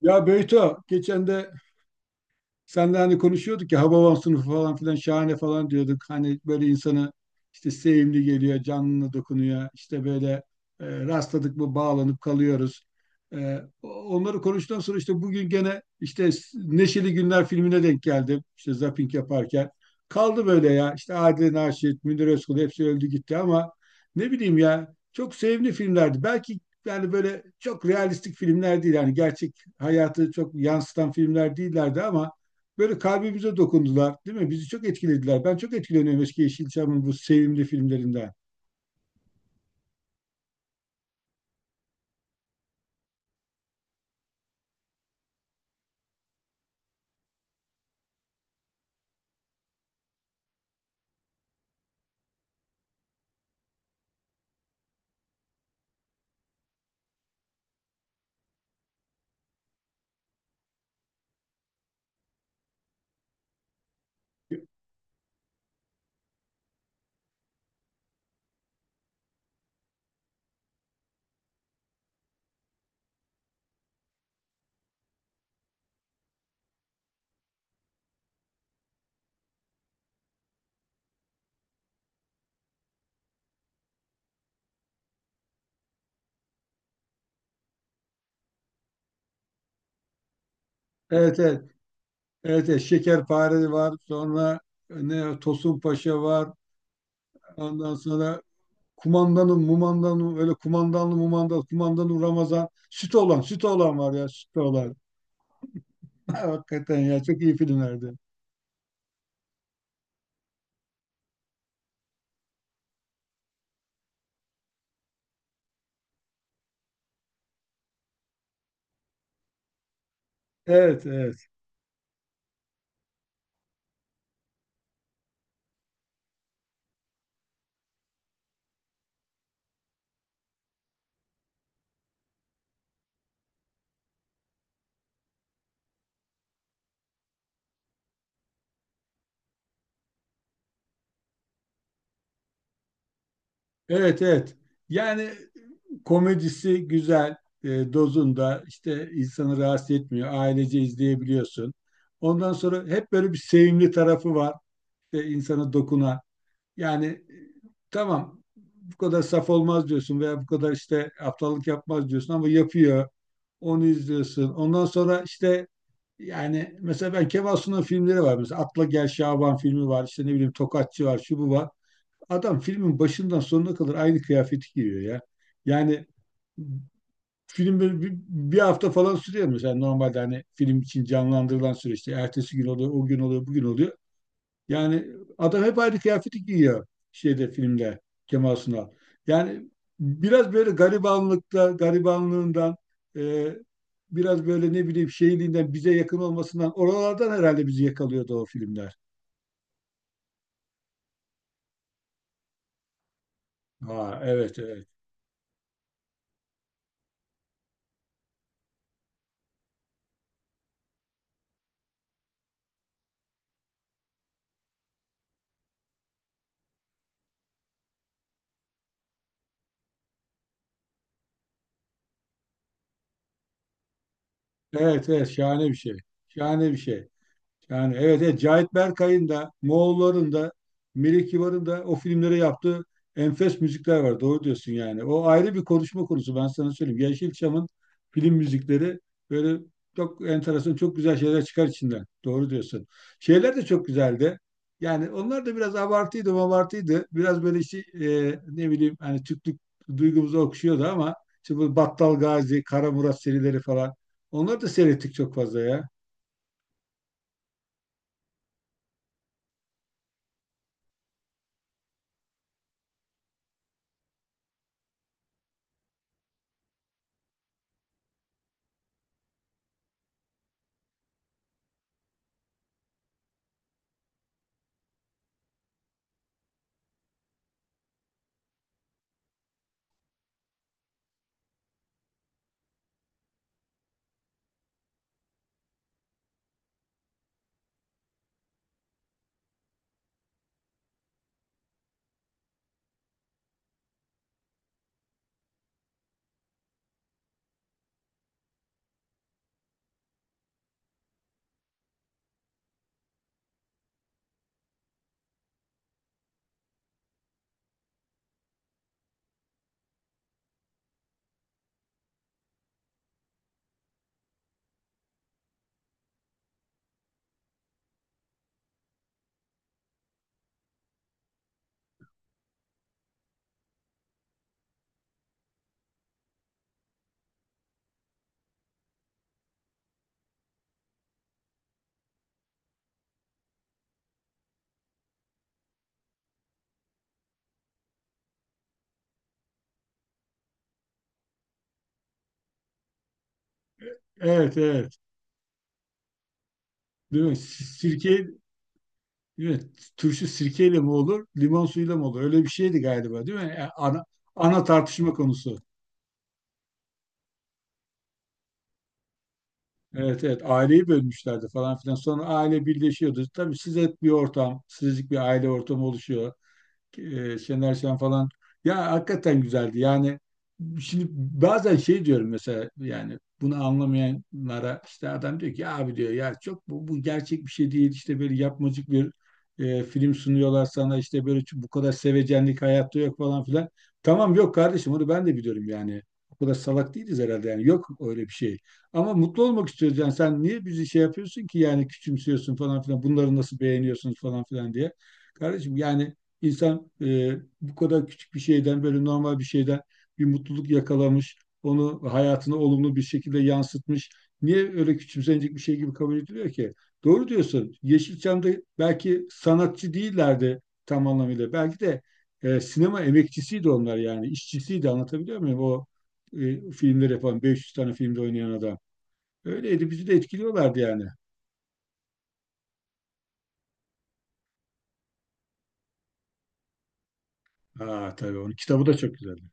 Ya Beyto, geçen de senle hani konuşuyorduk ya, Hababam sınıfı falan filan şahane falan diyorduk. Hani böyle insana işte sevimli geliyor, canlına dokunuyor. İşte böyle rastladık mı bağlanıp kalıyoruz. Onları konuştuktan sonra işte bugün gene işte Neşeli Günler filmine denk geldim. İşte zapping yaparken. Kaldı böyle ya. İşte Adile Naşit, Münir Özkul hepsi öldü gitti ama ne bileyim ya, çok sevimli filmlerdi. Belki yani böyle çok realistik filmler değil. Yani gerçek hayatı çok yansıtan filmler değillerdi ama böyle kalbimize dokundular, değil mi? Bizi çok etkilediler. Ben çok etkileniyorum eski Yeşilçam'ın bu sevimli filmlerinden. Evet, evet, evet, evet. Şekerpare var, sonra ne Tosun Paşa var, ondan sonra kumandanım, mumandanım, öyle kumandanlı, mumandan, kumandanım Ramazan, süt olan, süt olan var ya, süt olan. Hakikaten ya, çok iyi filmlerdi. Evet, evet. Evet, evet. Yani komedisi güzel, dozunda, işte insanı rahatsız etmiyor. Ailece izleyebiliyorsun. Ondan sonra hep böyle bir sevimli tarafı var. İşte insana dokunan. Yani tamam, bu kadar saf olmaz diyorsun veya bu kadar işte aptallık yapmaz diyorsun ama yapıyor. Onu izliyorsun. Ondan sonra işte yani mesela ben Kemal Sunal'ın filmleri var. Mesela Atla Gel Şaban filmi var. İşte ne bileyim Tokatçı var. Şu bu var. Adam filmin başından sonuna kadar aynı kıyafeti giyiyor ya. Yani film böyle bir hafta falan sürüyor mesela normalde, hani film için canlandırılan süreçte. Ertesi gün oluyor, o gün oluyor, bugün oluyor. Yani adam hep aynı kıyafeti giyiyor şeyde, filmde, Kemal Sunal. Yani biraz böyle garibanlıkta, garibanlığından, e, biraz böyle ne bileyim şeyliğinden, bize yakın olmasından, oralardan herhalde bizi yakalıyordu o filmler. Ha, evet, evet. Evet, evet, şahane bir şey. Şahane bir şey. Yani evet, evet, Cahit Berkay'ın da, Moğolların da, Melih Kibar'ın da o filmlere yaptığı enfes müzikler var. Doğru diyorsun yani. O ayrı bir konuşma konusu, ben sana söyleyeyim. Yeşilçam'ın film müzikleri böyle çok enteresan, çok güzel şeyler çıkar içinden. Doğru diyorsun. Şeyler de çok güzeldi. Yani onlar da biraz abartıydı, abartıydı. Biraz böyle işte ne bileyim hani Türklük duygumuzu okşuyordu ama işte bu Battal Gazi, Kara Murat serileri falan. Onları da seyrettik çok fazla ya. Evet, evet. Değil mi? Si- Sirke, değil mi? Turşu sirkeyle mi olur, limon suyuyla mı olur? Öyle bir şeydi galiba, değil mi? Yani ana, ana tartışma konusu. Evet, evet. Aileyi bölmüşlerdi falan filan. Sonra aile birleşiyordu. Tabii siz et bir ortam, sizlik bir aile ortamı oluşuyor. Şener Şen falan. Ya hakikaten güzeldi. Yani şimdi bazen şey diyorum mesela, yani bunu anlamayanlara, işte adam diyor ki "Ya abi, diyor ya, çok bu, bu gerçek bir şey değil. İşte böyle yapmacık bir film sunuyorlar sana, işte böyle bu kadar sevecenlik hayatta yok" falan filan. Tamam yok kardeşim, onu ben de biliyorum yani. O kadar salak değiliz herhalde, yani yok öyle bir şey. Ama mutlu olmak istiyoruz yani. Sen niye bizi şey yapıyorsun ki, yani küçümsüyorsun falan filan, bunları nasıl beğeniyorsunuz falan filan diye. Kardeşim yani İnsan bu kadar küçük bir şeyden, böyle normal bir şeyden bir mutluluk yakalamış, onu hayatına olumlu bir şekilde yansıtmış. Niye öyle küçümsenecek bir şey gibi kabul ediliyor ki? Doğru diyorsun. Yeşilçam'da belki sanatçı değillerdi tam anlamıyla. Belki de sinema emekçisiydi onlar yani, işçisiydi, anlatabiliyor muyum? O filmleri yapan 500 tane filmde oynayan adam. Öyleydi, bizi de etkiliyorlardı yani. Aa tabii, onun kitabı da çok güzeldi.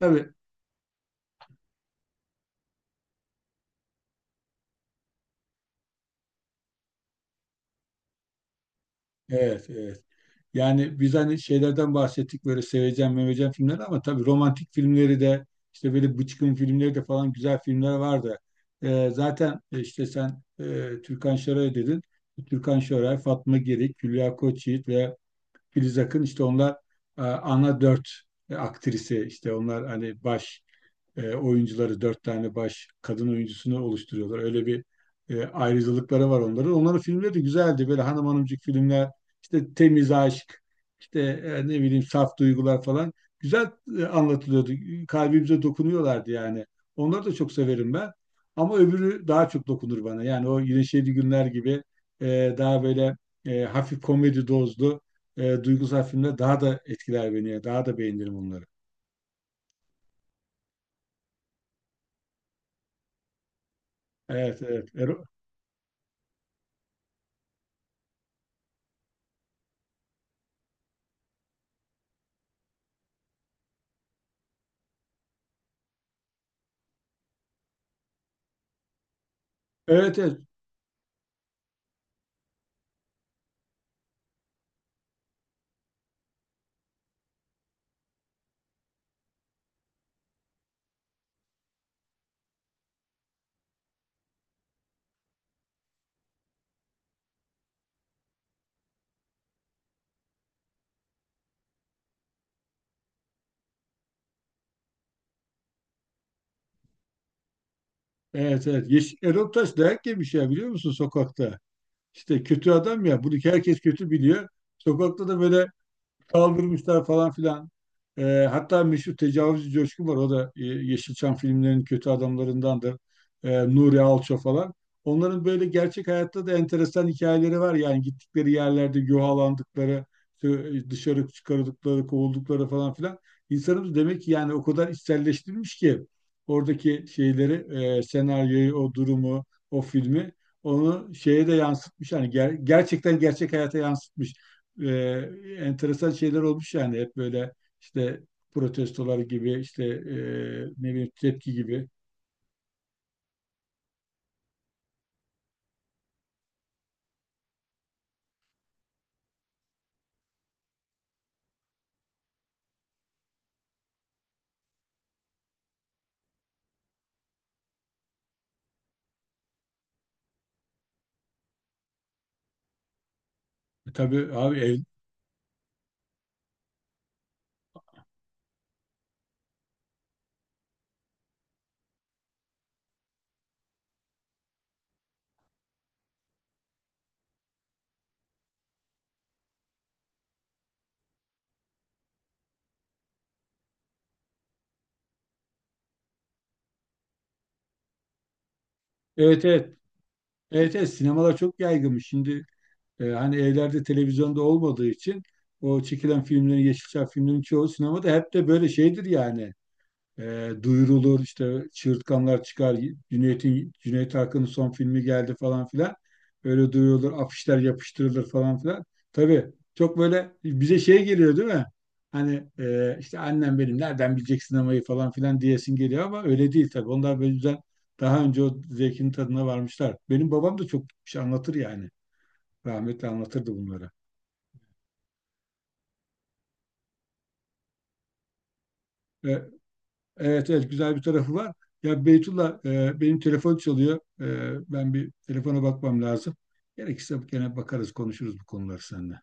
Tabii. Evet, evet. Yani biz hani şeylerden bahsettik, böyle seveceğim meveceğim filmleri, ama tabii romantik filmleri de, işte böyle bıçkın filmleri de falan, güzel filmler vardı. Zaten işte sen Türkan Şoray dedin. Türkan Şoray, Fatma Girik, Hülya Koçyiğit ve Filiz Akın, işte onlar ana dört aktrisi, işte onlar hani baş oyuncuları, dört tane baş kadın oyuncusunu oluşturuyorlar. Öyle bir ayrıcalıkları var onların. Onların filmleri de güzeldi. Böyle hanım hanımcık filmler, işte temiz aşk, işte ne bileyim saf duygular falan. Güzel anlatılıyordu. Kalbimize dokunuyorlardı yani. Onları da çok severim ben. Ama öbürü daha çok dokunur bana. Yani o Yine Şeydi Günler gibi daha böyle hafif komedi dozlu duygusal filmler daha da etkiler beni. Daha da beğenirim onları. Evet, evet. Erol- Evet, evet. Evet, evet. Yeş Erol Taş dayak yemiş ya, biliyor musun, sokakta? İşte kötü adam ya. Bunu herkes kötü biliyor. Sokakta da böyle kaldırmışlar falan filan. Hatta meşhur tecavüzcü Coşkun var. O da Yeşilçam filmlerinin kötü adamlarındandır. Nuri Alço falan. Onların böyle gerçek hayatta da enteresan hikayeleri var. Yani gittikleri yerlerde yuhalandıkları, işte dışarı çıkarıldıkları, kovuldukları falan filan. İnsanımız demek ki yani o kadar içselleştirmiş ki oradaki şeyleri, senaryoyu, o durumu, o filmi, onu şeye de yansıtmış. Yani ger- gerçekten gerçek hayata yansıtmış, e, enteresan şeyler olmuş yani, hep böyle işte protestolar gibi, işte ne bileyim tepki gibi. Tabii abi, ev, evet, evet, evet, evet, sinemalar çok yaygınmış. Şimdi hani evlerde televizyonda olmadığı için o çekilen filmlerin, Yeşilçam filmlerin çoğu sinemada, hep de böyle şeydir yani. Duyurulur, işte çığırtkanlar çıkar, Cüneyt'in, Cüneyt Arkın'ın son filmi geldi falan filan. Öyle duyurulur, afişler yapıştırılır falan filan. Tabii çok böyle bize şey geliyor, değil mi? Hani işte annem benim nereden bilecek sinemayı falan filan diyesin geliyor ama öyle değil tabii. Onlar böyle güzel, daha önce o zevkin tadına varmışlar. Benim babam da çok şey anlatır yani. Rahmetli anlatırdı bunları. E, Evet, evet, güzel bir tarafı var. Ya Beytullah, benim telefon çalıyor. Ben bir telefona bakmam lazım. Gerekirse gene bakarız, konuşuruz bu konuları seninle.